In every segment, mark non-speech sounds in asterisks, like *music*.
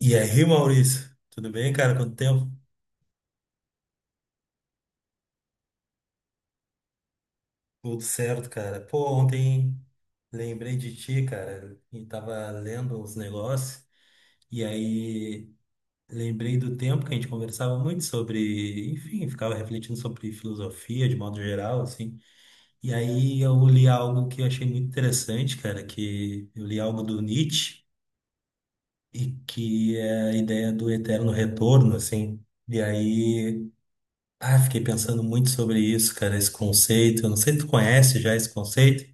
E aí, Maurício? Tudo bem, cara? Quanto tempo? Tudo certo, cara. Pô, ontem lembrei de ti, cara, e tava lendo uns negócios, e aí lembrei do tempo que a gente conversava muito sobre, enfim, ficava refletindo sobre filosofia de modo geral, assim. E aí eu li algo que eu achei muito interessante, cara, que eu li algo do Nietzsche, e que é a ideia do eterno retorno, assim. E aí. Ah, fiquei pensando muito sobre isso, cara, esse conceito. Eu não sei se tu conhece já esse conceito.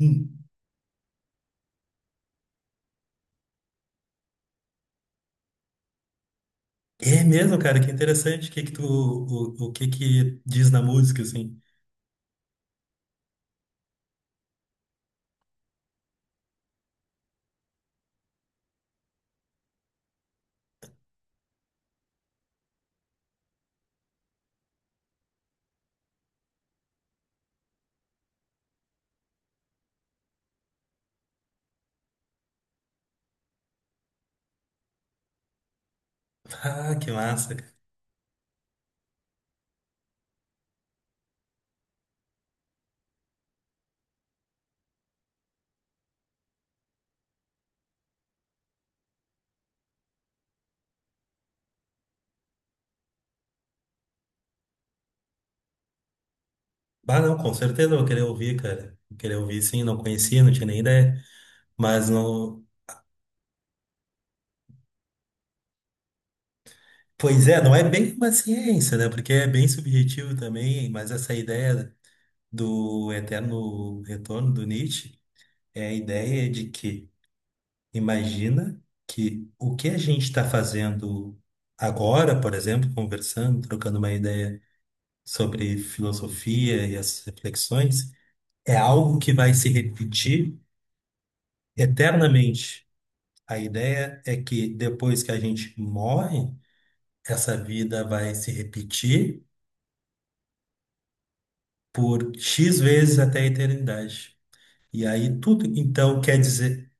Hum. É mesmo, cara, que interessante. O que que diz na música, assim? Ah, que massa, cara. Ah, não, com certeza eu vou querer ouvir, cara. Vou querer ouvir, sim, não conhecia, não tinha nem ideia. Mas não. Pois é, não é bem uma ciência, né? Porque é bem subjetivo também, mas essa ideia do eterno retorno do Nietzsche é a ideia de que imagina que o que a gente está fazendo agora, por exemplo, conversando, trocando uma ideia sobre filosofia e as reflexões, é algo que vai se repetir eternamente. A ideia é que depois que a gente morre, essa vida vai se repetir por X vezes até a eternidade. E aí tudo, então, quer dizer.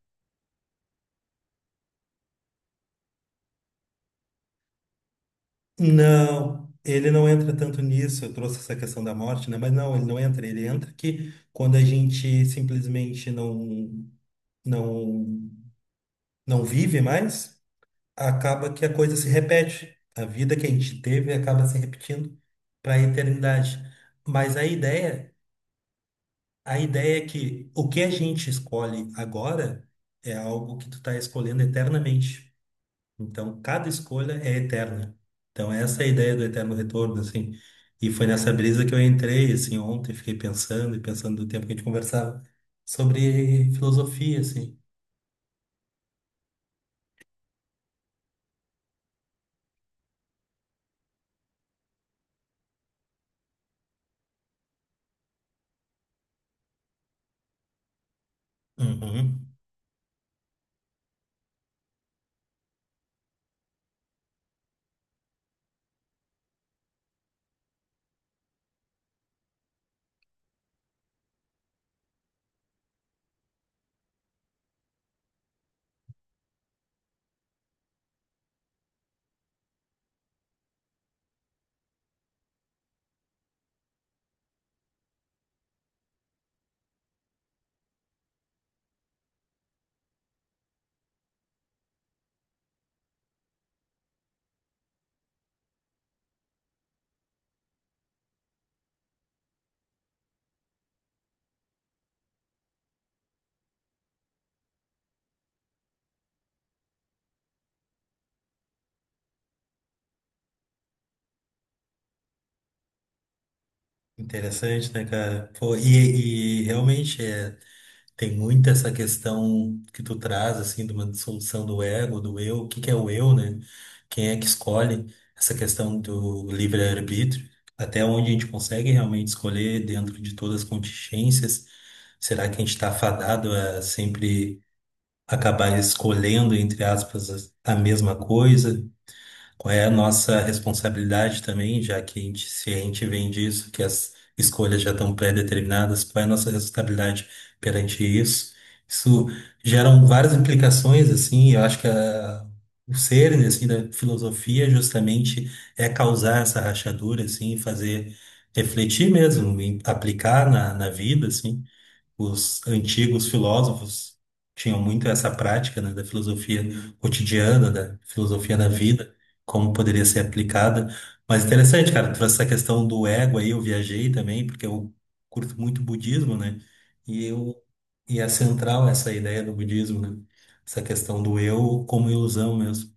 Não, ele não entra tanto nisso. Eu trouxe essa questão da morte, né? Mas não, ele não entra. Ele entra que quando a gente simplesmente não não vive mais, acaba que a coisa se repete. A vida que a gente teve acaba se repetindo para a eternidade. Mas a ideia é que o que a gente escolhe agora é algo que tu está escolhendo eternamente. Então, cada escolha é eterna. Então, essa é a ideia do eterno retorno, assim. E foi nessa brisa que eu entrei, assim, ontem, fiquei pensando e pensando do tempo que a gente conversava sobre filosofia, assim. Uhum. Interessante, né, cara? Pô, e realmente é. Tem muito essa questão que tu traz, assim, de uma dissolução do ego, do eu, o que que é o eu, né? Quem é que escolhe essa questão do livre-arbítrio? Até onde a gente consegue realmente escolher dentro de todas as contingências? Será que a gente está fadado a sempre acabar escolhendo, entre aspas, a mesma coisa? Qual é a nossa responsabilidade também, já que a gente, se a gente vem disso, que as escolhas já estão pré-determinadas, qual é a nossa responsabilidade perante isso? Isso geram várias implicações, assim, eu acho que o cerne, assim, da filosofia justamente é causar essa rachadura, assim, fazer refletir mesmo, e aplicar na vida, assim, os antigos filósofos tinham muito essa prática, né, da filosofia cotidiana, da filosofia da vida, como poderia ser aplicada. Mas interessante, cara, tu trouxe essa questão do ego aí, eu viajei também, porque eu curto muito budismo, né? E eu e é central essa ideia do budismo, né? Essa questão do eu como ilusão mesmo.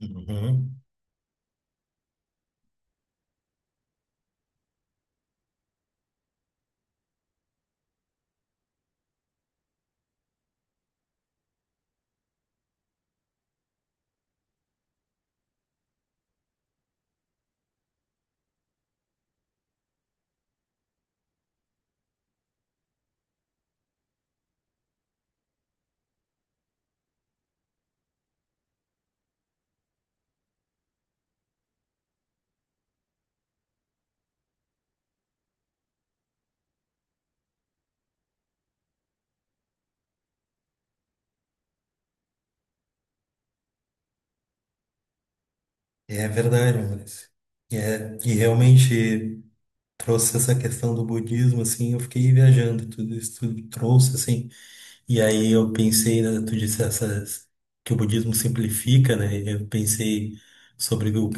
Uhum. É verdade, Maurício. E realmente, trouxe essa questão do budismo, assim, eu fiquei viajando, tudo isso tudo trouxe, assim, e aí eu pensei, né, tu disse essas, que o budismo simplifica, né, eu pensei sobre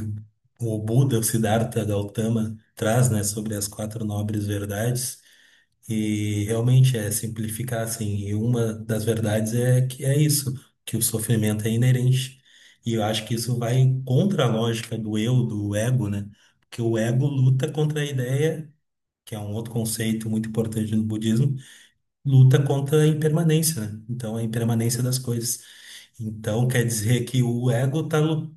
o Buda, o Siddhartha Gautama traz, né, sobre as quatro nobres verdades, e realmente é simplificar, assim, e uma das verdades é que é isso, que o sofrimento é inerente, e eu acho que isso vai contra a lógica do eu, do ego, né, porque o ego luta contra a ideia que é um outro conceito muito importante no budismo, luta contra a impermanência, né? Então, a impermanência das coisas. Então, quer dizer que o ego está lu...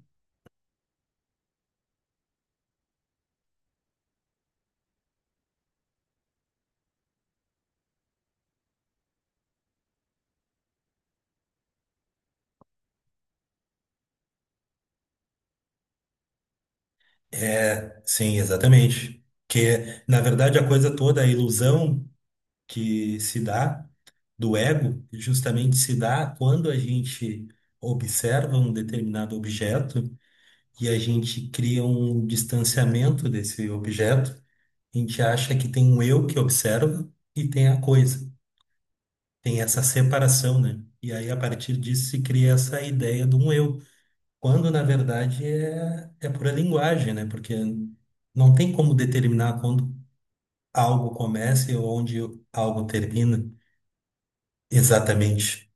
É, sim, exatamente. Que, na verdade, a coisa toda, a ilusão que se dá do ego, justamente se dá quando a gente observa um determinado objeto e a gente cria um distanciamento desse objeto. A gente acha que tem um eu que observa e tem a coisa. Tem essa separação, né? E aí, a partir disso, se cria essa ideia de um eu, quando na verdade é pura linguagem, né? Porque não tem como determinar quando algo começa ou onde algo termina exatamente.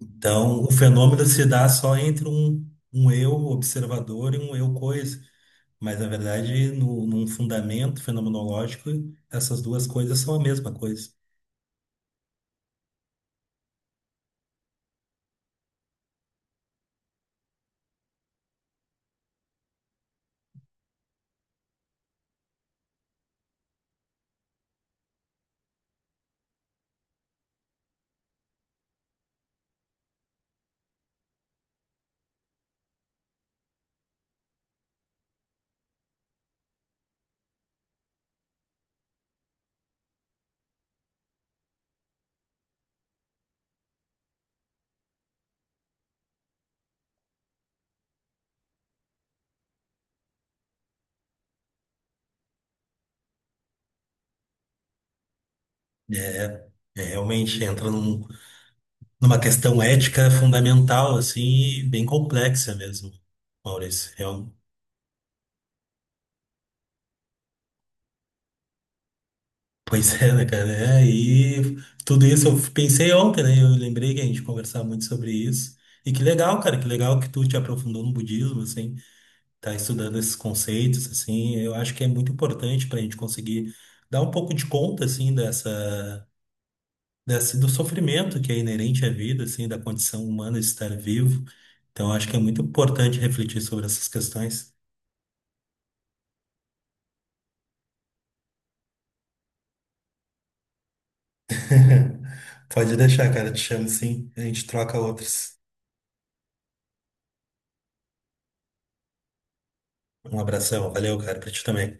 Então, o fenômeno se dá só entre um eu observador e um eu coisa. Mas, na verdade, no, num fundamento fenomenológico, essas duas coisas são a mesma coisa. É, é realmente entra numa questão ética fundamental, assim, e bem complexa mesmo, Maurício. É um- Pois é, né, cara? É, e tudo isso eu pensei ontem, né? Eu lembrei que a gente conversava muito sobre isso. E que legal, cara, que legal que tu te aprofundou no budismo, assim, tá estudando esses conceitos, assim. Eu acho que é muito importante pra gente conseguir dar um pouco de conta, assim, dessa, do sofrimento que é inerente à vida, assim, da condição humana de estar vivo. Então, eu acho que é muito importante refletir sobre essas questões. *laughs* Pode deixar, cara. Te chamo sim. A gente troca outros. Um abração. Valeu, cara, pra ti também.